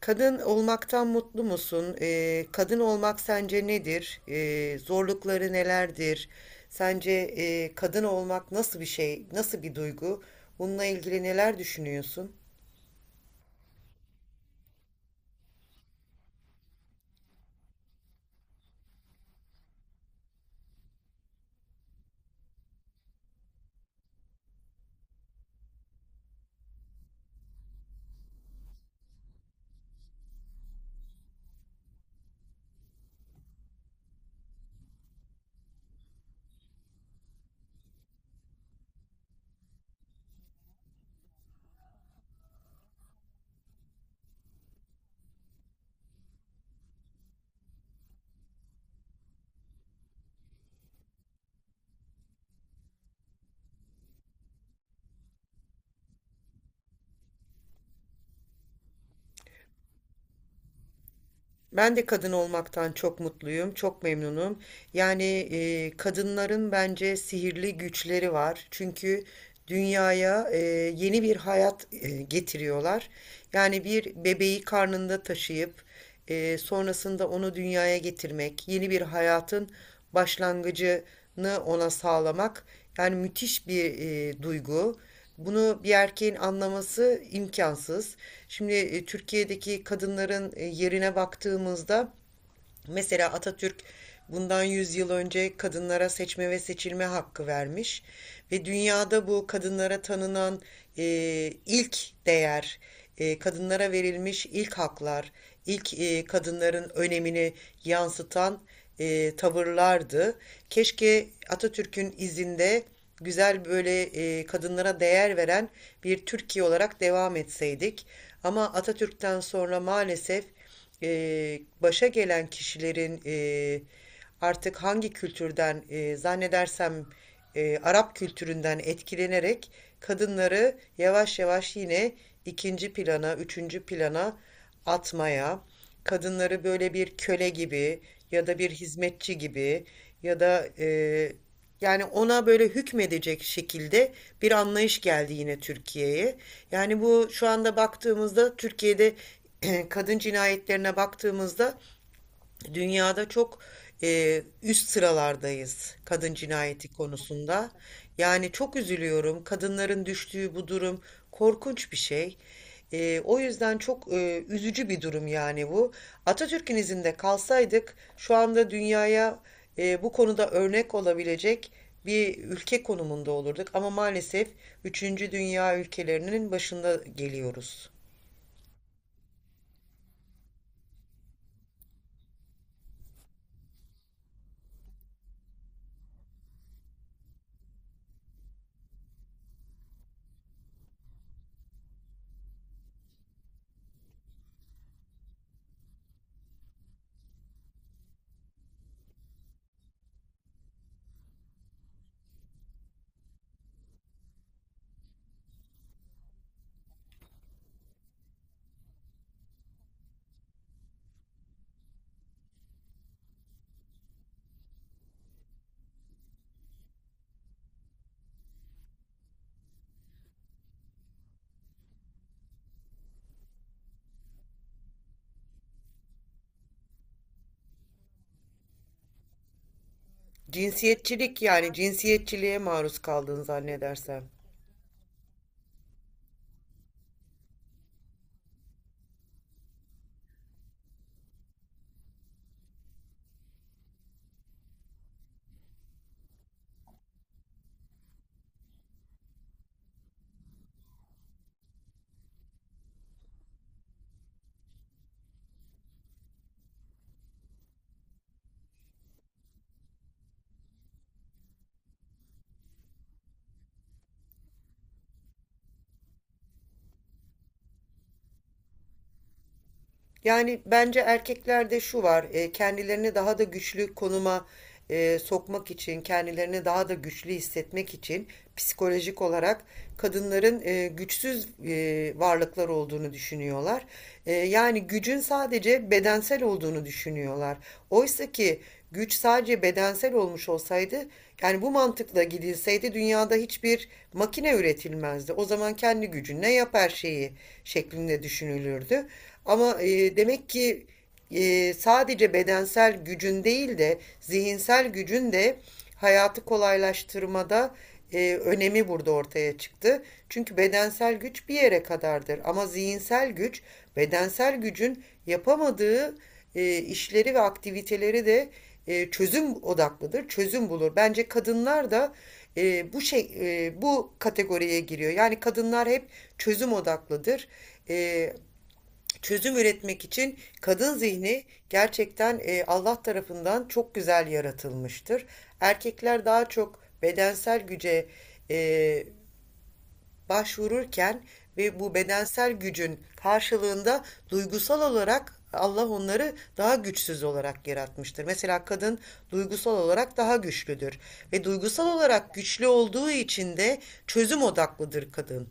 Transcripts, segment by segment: Kadın olmaktan mutlu musun? Kadın olmak sence nedir? Zorlukları nelerdir? Sence kadın olmak nasıl bir şey, nasıl bir duygu? Bununla ilgili neler düşünüyorsun? Ben de kadın olmaktan çok mutluyum, çok memnunum. Yani kadınların bence sihirli güçleri var. Çünkü dünyaya yeni bir hayat getiriyorlar. Yani bir bebeği karnında taşıyıp sonrasında onu dünyaya getirmek, yeni bir hayatın başlangıcını ona sağlamak. Yani müthiş bir duygu. Bunu bir erkeğin anlaması imkansız. Şimdi Türkiye'deki kadınların yerine baktığımızda mesela Atatürk bundan 100 yıl önce kadınlara seçme ve seçilme hakkı vermiş ve dünyada bu kadınlara tanınan e, ilk değer, kadınlara verilmiş ilk haklar, ilk kadınların önemini yansıtan tavırlardı. Keşke Atatürk'ün izinde güzel böyle kadınlara değer veren bir Türkiye olarak devam etseydik. Ama Atatürk'ten sonra maalesef e, başa gelen kişilerin artık hangi kültürden zannedersem Arap kültüründen etkilenerek kadınları yavaş yavaş yine ikinci plana, üçüncü plana atmaya, kadınları böyle bir köle gibi ya da bir hizmetçi gibi ya da yani ona böyle hükmedecek şekilde bir anlayış geldi yine Türkiye'ye. Yani bu, şu anda baktığımızda Türkiye'de kadın cinayetlerine baktığımızda dünyada çok üst sıralardayız kadın cinayeti konusunda. Yani çok üzülüyorum. Kadınların düştüğü bu durum korkunç bir şey. O yüzden çok üzücü bir durum yani bu. Atatürk'ün izinde kalsaydık şu anda dünyaya bu konuda örnek olabilecek bir ülke konumunda olurduk. Ama maalesef üçüncü dünya ülkelerinin başında geliyoruz. Cinsiyetçilik, yani cinsiyetçiliğe maruz kaldığını zannedersem. Yani bence erkeklerde şu var: kendilerini daha da güçlü konuma sokmak için, kendilerini daha da güçlü hissetmek için psikolojik olarak kadınların güçsüz varlıklar olduğunu düşünüyorlar. Yani gücün sadece bedensel olduğunu düşünüyorlar. Oysa ki güç sadece bedensel olmuş olsaydı, yani bu mantıkla gidilseydi dünyada hiçbir makine üretilmezdi. O zaman kendi gücünle yap her şeyi şeklinde düşünülürdü. Ama demek ki sadece bedensel gücün değil de zihinsel gücün de hayatı kolaylaştırmada önemi burada ortaya çıktı. Çünkü bedensel güç bir yere kadardır, ama zihinsel güç bedensel gücün yapamadığı işleri ve aktiviteleri de çözüm odaklıdır, çözüm bulur. Bence kadınlar da bu kategoriye giriyor. Yani kadınlar hep çözüm odaklıdır. E, Çözüm üretmek için kadın zihni gerçekten Allah tarafından çok güzel yaratılmıştır. Erkekler daha çok bedensel güce e, başvururken ve bu bedensel gücün karşılığında duygusal olarak Allah onları daha güçsüz olarak yaratmıştır. Mesela kadın duygusal olarak daha güçlüdür ve duygusal olarak güçlü olduğu için de çözüm odaklıdır kadın.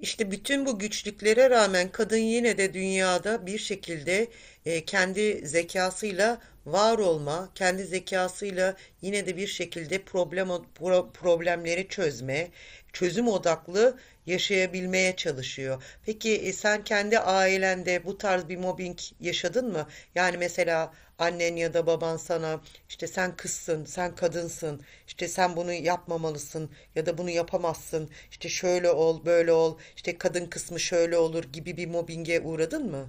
İşte bütün bu güçlüklere rağmen kadın yine de dünyada bir şekilde kendi zekasıyla var olma, kendi zekasıyla yine de bir şekilde problemleri çözme, çözüm odaklı yaşayabilmeye çalışıyor. Peki sen kendi ailende bu tarz bir mobbing yaşadın mı? Yani mesela annen ya da baban sana işte sen kızsın, sen kadınsın, işte sen bunu yapmamalısın ya da bunu yapamazsın, işte şöyle ol, böyle ol, işte kadın kısmı şöyle olur gibi bir mobbinge uğradın mı?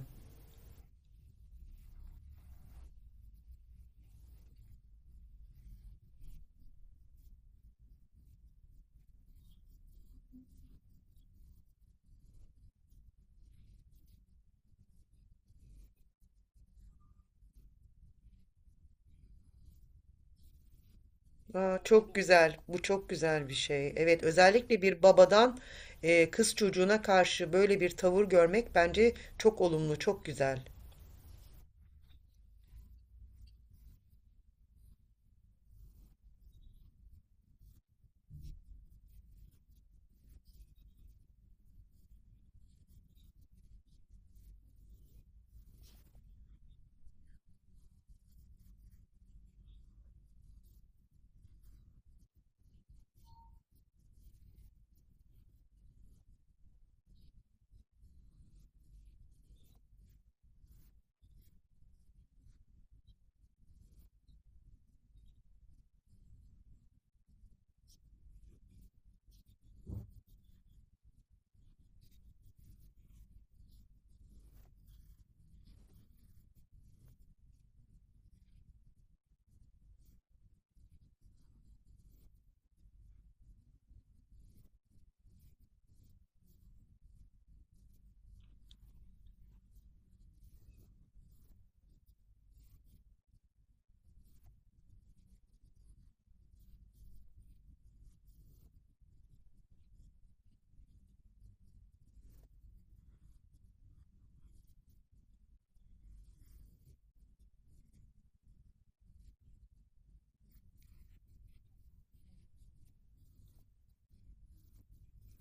Aa, çok güzel, bu çok güzel bir şey. Evet, özellikle bir babadan kız çocuğuna karşı böyle bir tavır görmek bence çok olumlu, çok güzel.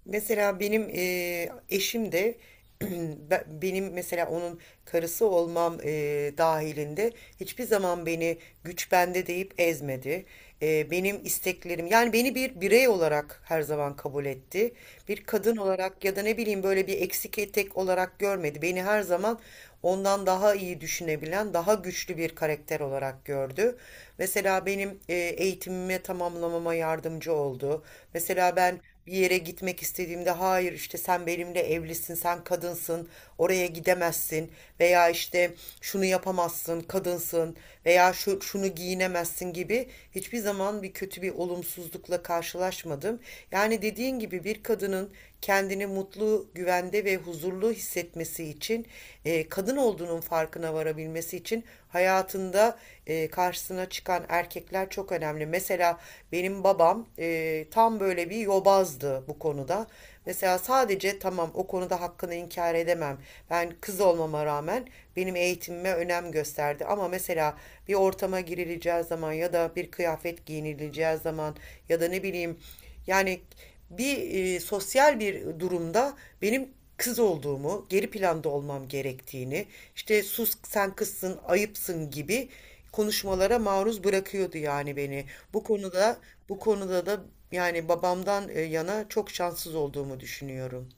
Mesela benim eşim de benim mesela onun karısı olmam dahilinde hiçbir zaman beni güç bende deyip ezmedi. Benim isteklerim, yani beni bir birey olarak her zaman kabul etti. Bir kadın olarak ya da ne bileyim böyle bir eksik etek olarak görmedi. Beni her zaman ondan daha iyi düşünebilen, daha güçlü bir karakter olarak gördü. Mesela benim eğitimime tamamlamama yardımcı oldu. Mesela ben bir yere gitmek istediğimde hayır işte sen benimle evlisin, sen kadınsın, oraya gidemezsin veya işte şunu yapamazsın, kadınsın veya şu, şunu giyinemezsin gibi hiçbir zaman bir kötü bir olumsuzlukla karşılaşmadım. Yani dediğin gibi bir kadının kendini mutlu, güvende ve huzurlu hissetmesi için, kadın olduğunun farkına varabilmesi için hayatında karşısına çıkan erkekler çok önemli. Mesela benim babam tam böyle bir yobazdı bu konuda. Mesela sadece, tamam, o konuda hakkını inkar edemem. Ben kız olmama rağmen benim eğitimime önem gösterdi. Ama mesela bir ortama girileceği zaman ya da bir kıyafet giyinileceği zaman ya da ne bileyim, yani bir sosyal bir durumda benim kız olduğumu, geri planda olmam gerektiğini, işte sus sen kızsın, ayıpsın gibi konuşmalara maruz bırakıyordu yani beni. Bu konuda bu konuda da yani babamdan yana çok şanssız olduğumu düşünüyorum.